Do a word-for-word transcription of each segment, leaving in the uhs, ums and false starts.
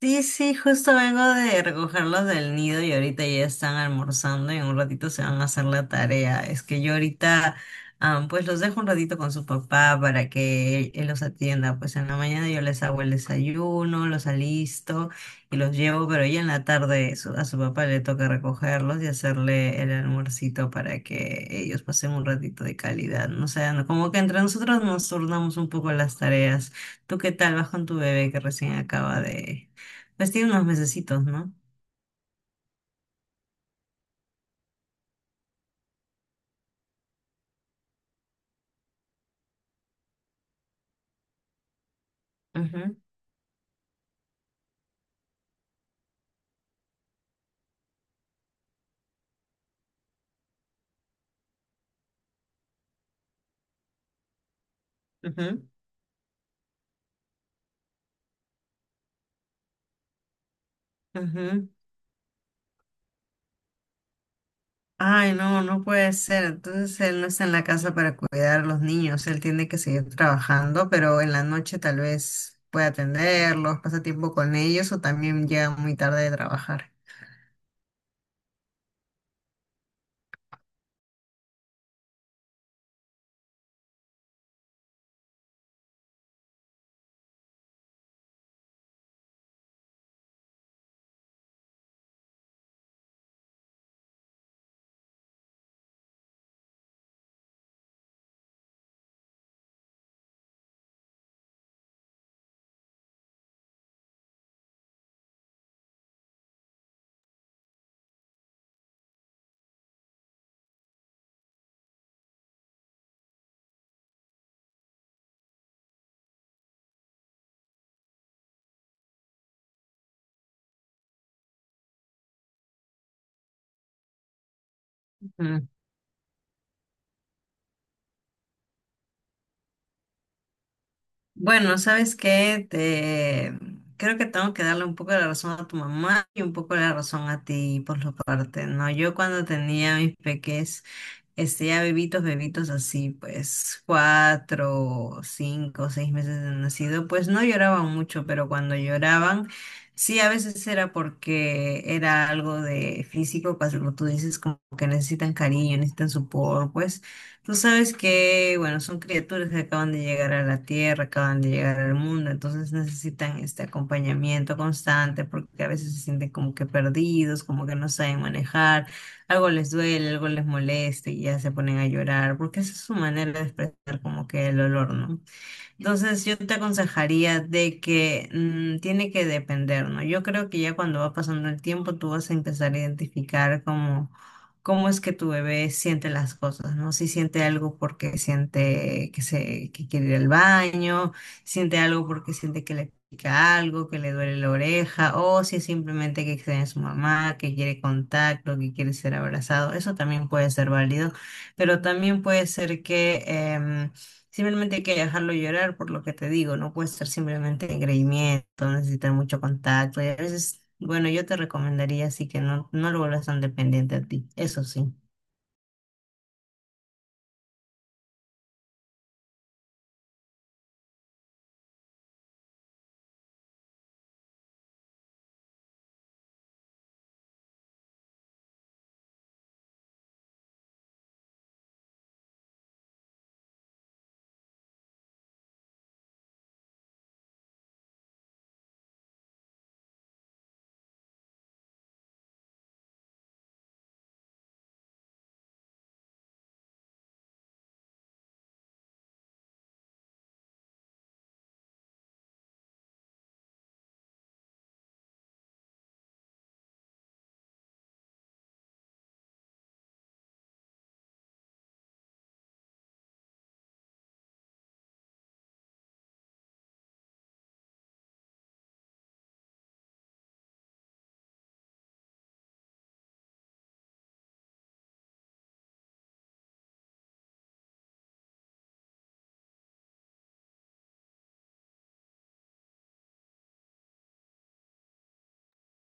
Sí, sí, justo vengo de recogerlos del nido y ahorita ya están almorzando y en un ratito se van a hacer la tarea. Es que yo ahorita, ah, pues los dejo un ratito con su papá para que él, él los atienda. Pues en la mañana yo les hago el desayuno, los alisto y los llevo, pero ya en la tarde su- a su papá le toca recogerlos y hacerle el almuercito para que ellos pasen un ratito de calidad. No sé, no- Como que entre nosotros nos turnamos un poco las tareas. ¿Tú qué tal vas con tu bebé que recién acaba de... Pues tiene unos mesecitos, ¿no? Ujú, ujú, ujú. Ay, no, no puede ser. Entonces él no está en la casa para cuidar a los niños. Él tiene que seguir trabajando, pero en la noche tal vez pueda atenderlos, pasa tiempo con ellos o también llega muy tarde de trabajar. Ujú. Bueno, ¿sabes qué? Te... Creo que tengo que darle un poco de la razón a tu mamá y un poco de la razón a ti por su parte, ¿no? Yo cuando tenía mis peques. Este, ya bebitos, bebitos así, pues cuatro, cinco, seis meses de nacido, pues no lloraban mucho, pero cuando lloraban, sí, a veces era porque era algo de físico, pues como tú dices, como que necesitan cariño, necesitan support, pues tú sabes que, bueno, son criaturas que acaban de llegar a la tierra, acaban de llegar al mundo, entonces necesitan este acompañamiento constante porque a veces se sienten como que perdidos, como que no saben manejar, algo les duele, algo les molesta y ya se ponen a llorar, porque esa es su manera de expresar como que el dolor, ¿no? Entonces, yo te aconsejaría de que mm, tiene que depender, ¿no? Yo creo que ya cuando va pasando el tiempo, tú vas a empezar a identificar cómo, cómo es que tu bebé siente las cosas, ¿no? Si siente algo porque siente que se, que quiere ir al baño, siente algo porque siente que le pica algo, que le duele la oreja, o si es simplemente que extraña a su mamá, que quiere contacto, que quiere ser abrazado. Eso también puede ser válido, pero también puede ser que em, simplemente hay que dejarlo llorar por lo que te digo, no puede ser simplemente engreimiento, necesitar mucho contacto y a veces, bueno, yo te recomendaría así que no, no lo vuelvas tan dependiente a ti, eso sí.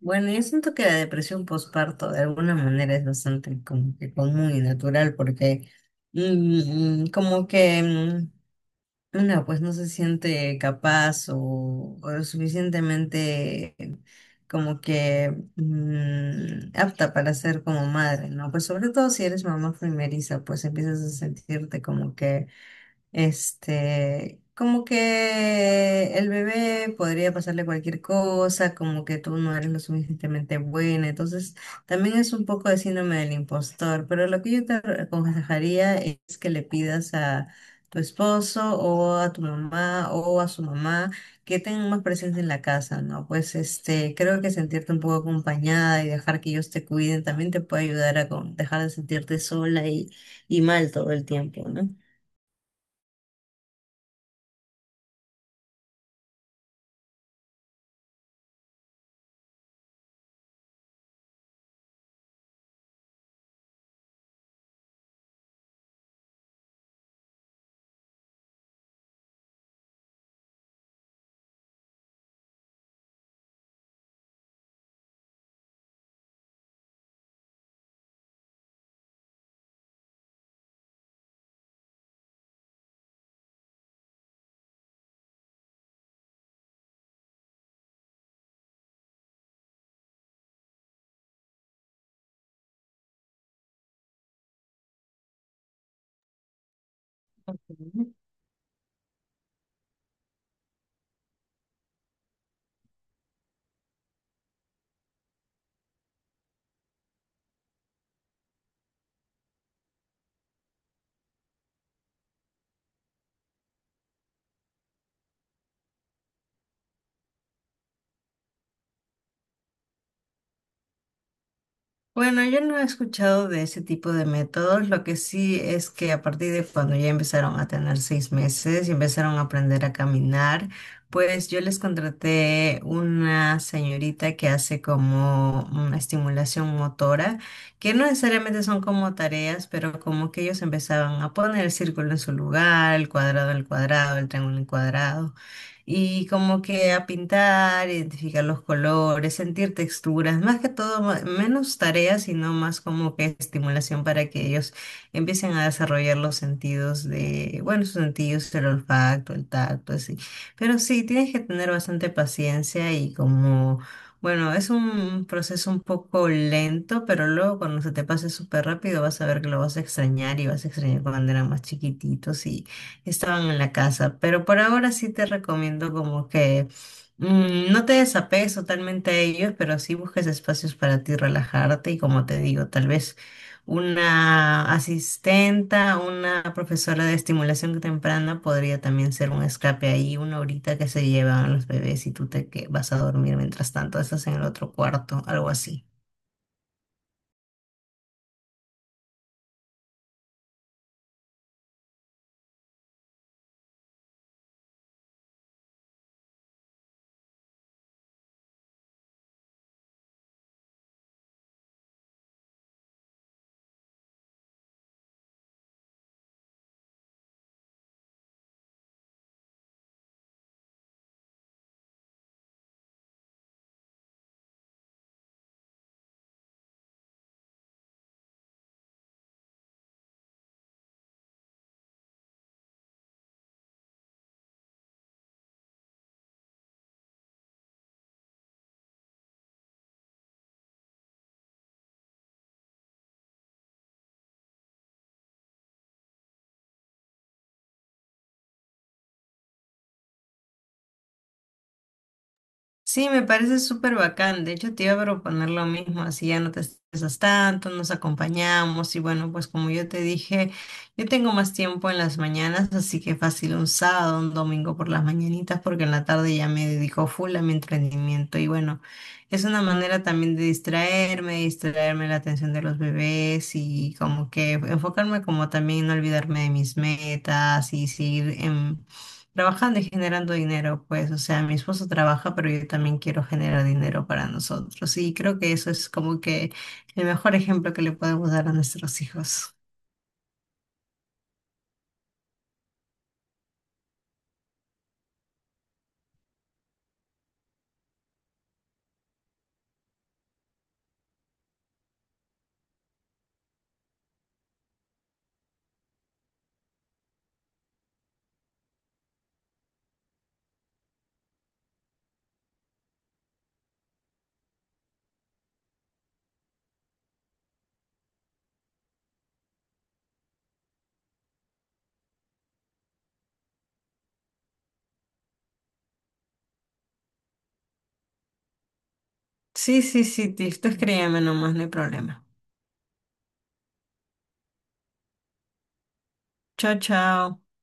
Bueno, yo siento que la depresión postparto de alguna manera es bastante como que común y natural porque mm, como que mm, una, pues no se siente capaz o, o lo suficientemente como que mm, apta para ser como madre, ¿no? Pues sobre todo si eres mamá primeriza, pues empiezas a sentirte como que este, como que el bebé podría pasarle cualquier cosa, como que tú no eres lo suficientemente buena. Entonces, también es un poco de síndrome del impostor, pero lo que yo te aconsejaría es que le pidas a tu esposo o a tu mamá o a su mamá que tengan más presencia en la casa, ¿no? Pues este, creo que sentirte un poco acompañada y dejar que ellos te cuiden también te puede ayudar a con- dejar de sentirte sola y, y mal todo el tiempo, ¿no? Bueno, yo no he escuchado de ese tipo de métodos. Lo que sí es que a partir de cuando ya empezaron a tener seis meses y empezaron a aprender a caminar, pues yo les contraté una señorita que hace como una estimulación motora, que no necesariamente son como tareas, pero como que ellos empezaban a poner el círculo en su lugar, el cuadrado en el cuadrado, el triángulo en el cuadrado y como que a pintar, identificar los colores, sentir texturas, más que todo, ma- menos tareas, sino más como que estimulación para que ellos empiecen a desarrollar los sentidos de, bueno, sus sentidos, el olfato, el tacto, así. Pero sí, tienes que tener bastante paciencia y como... Bueno, es un proceso un poco lento, pero luego cuando se te pase súper rápido vas a ver que lo vas a extrañar y vas a extrañar cuando eran más chiquititos, estaban en la casa. Pero por ahora sí te recomiendo como que mm, no te desapegues totalmente a ellos, pero sí busques espacios para ti relajarte y como te digo, tal vez una asistenta, una profesora de estimulación temprana podría también ser un escape ahí, una horita que se llevan los bebés y tú te que- vas a dormir mientras tanto, estás en el otro cuarto, algo así. Sí, me parece súper bacán. De hecho, te iba a proponer lo mismo, así ya no te estresas tanto, nos acompañamos y bueno, pues como yo te dije, yo tengo más tiempo en las mañanas, así que fácil un sábado, un domingo por las mañanitas, porque en la tarde ya me dedico full a mi emprendimiento y bueno, es una manera también de distraerme, distraerme la atención de los bebés y como que enfocarme como también no olvidarme de mis metas y seguir en trabajando y generando dinero, pues, o sea, mi esposo trabaja, pero yo también quiero generar dinero para nosotros. Y creo que eso es como que el mejor ejemplo que le podemos dar a nuestros hijos. Sí, sí, sí, Tiff, tú escríbeme nomás, no hay problema. Chao, chao.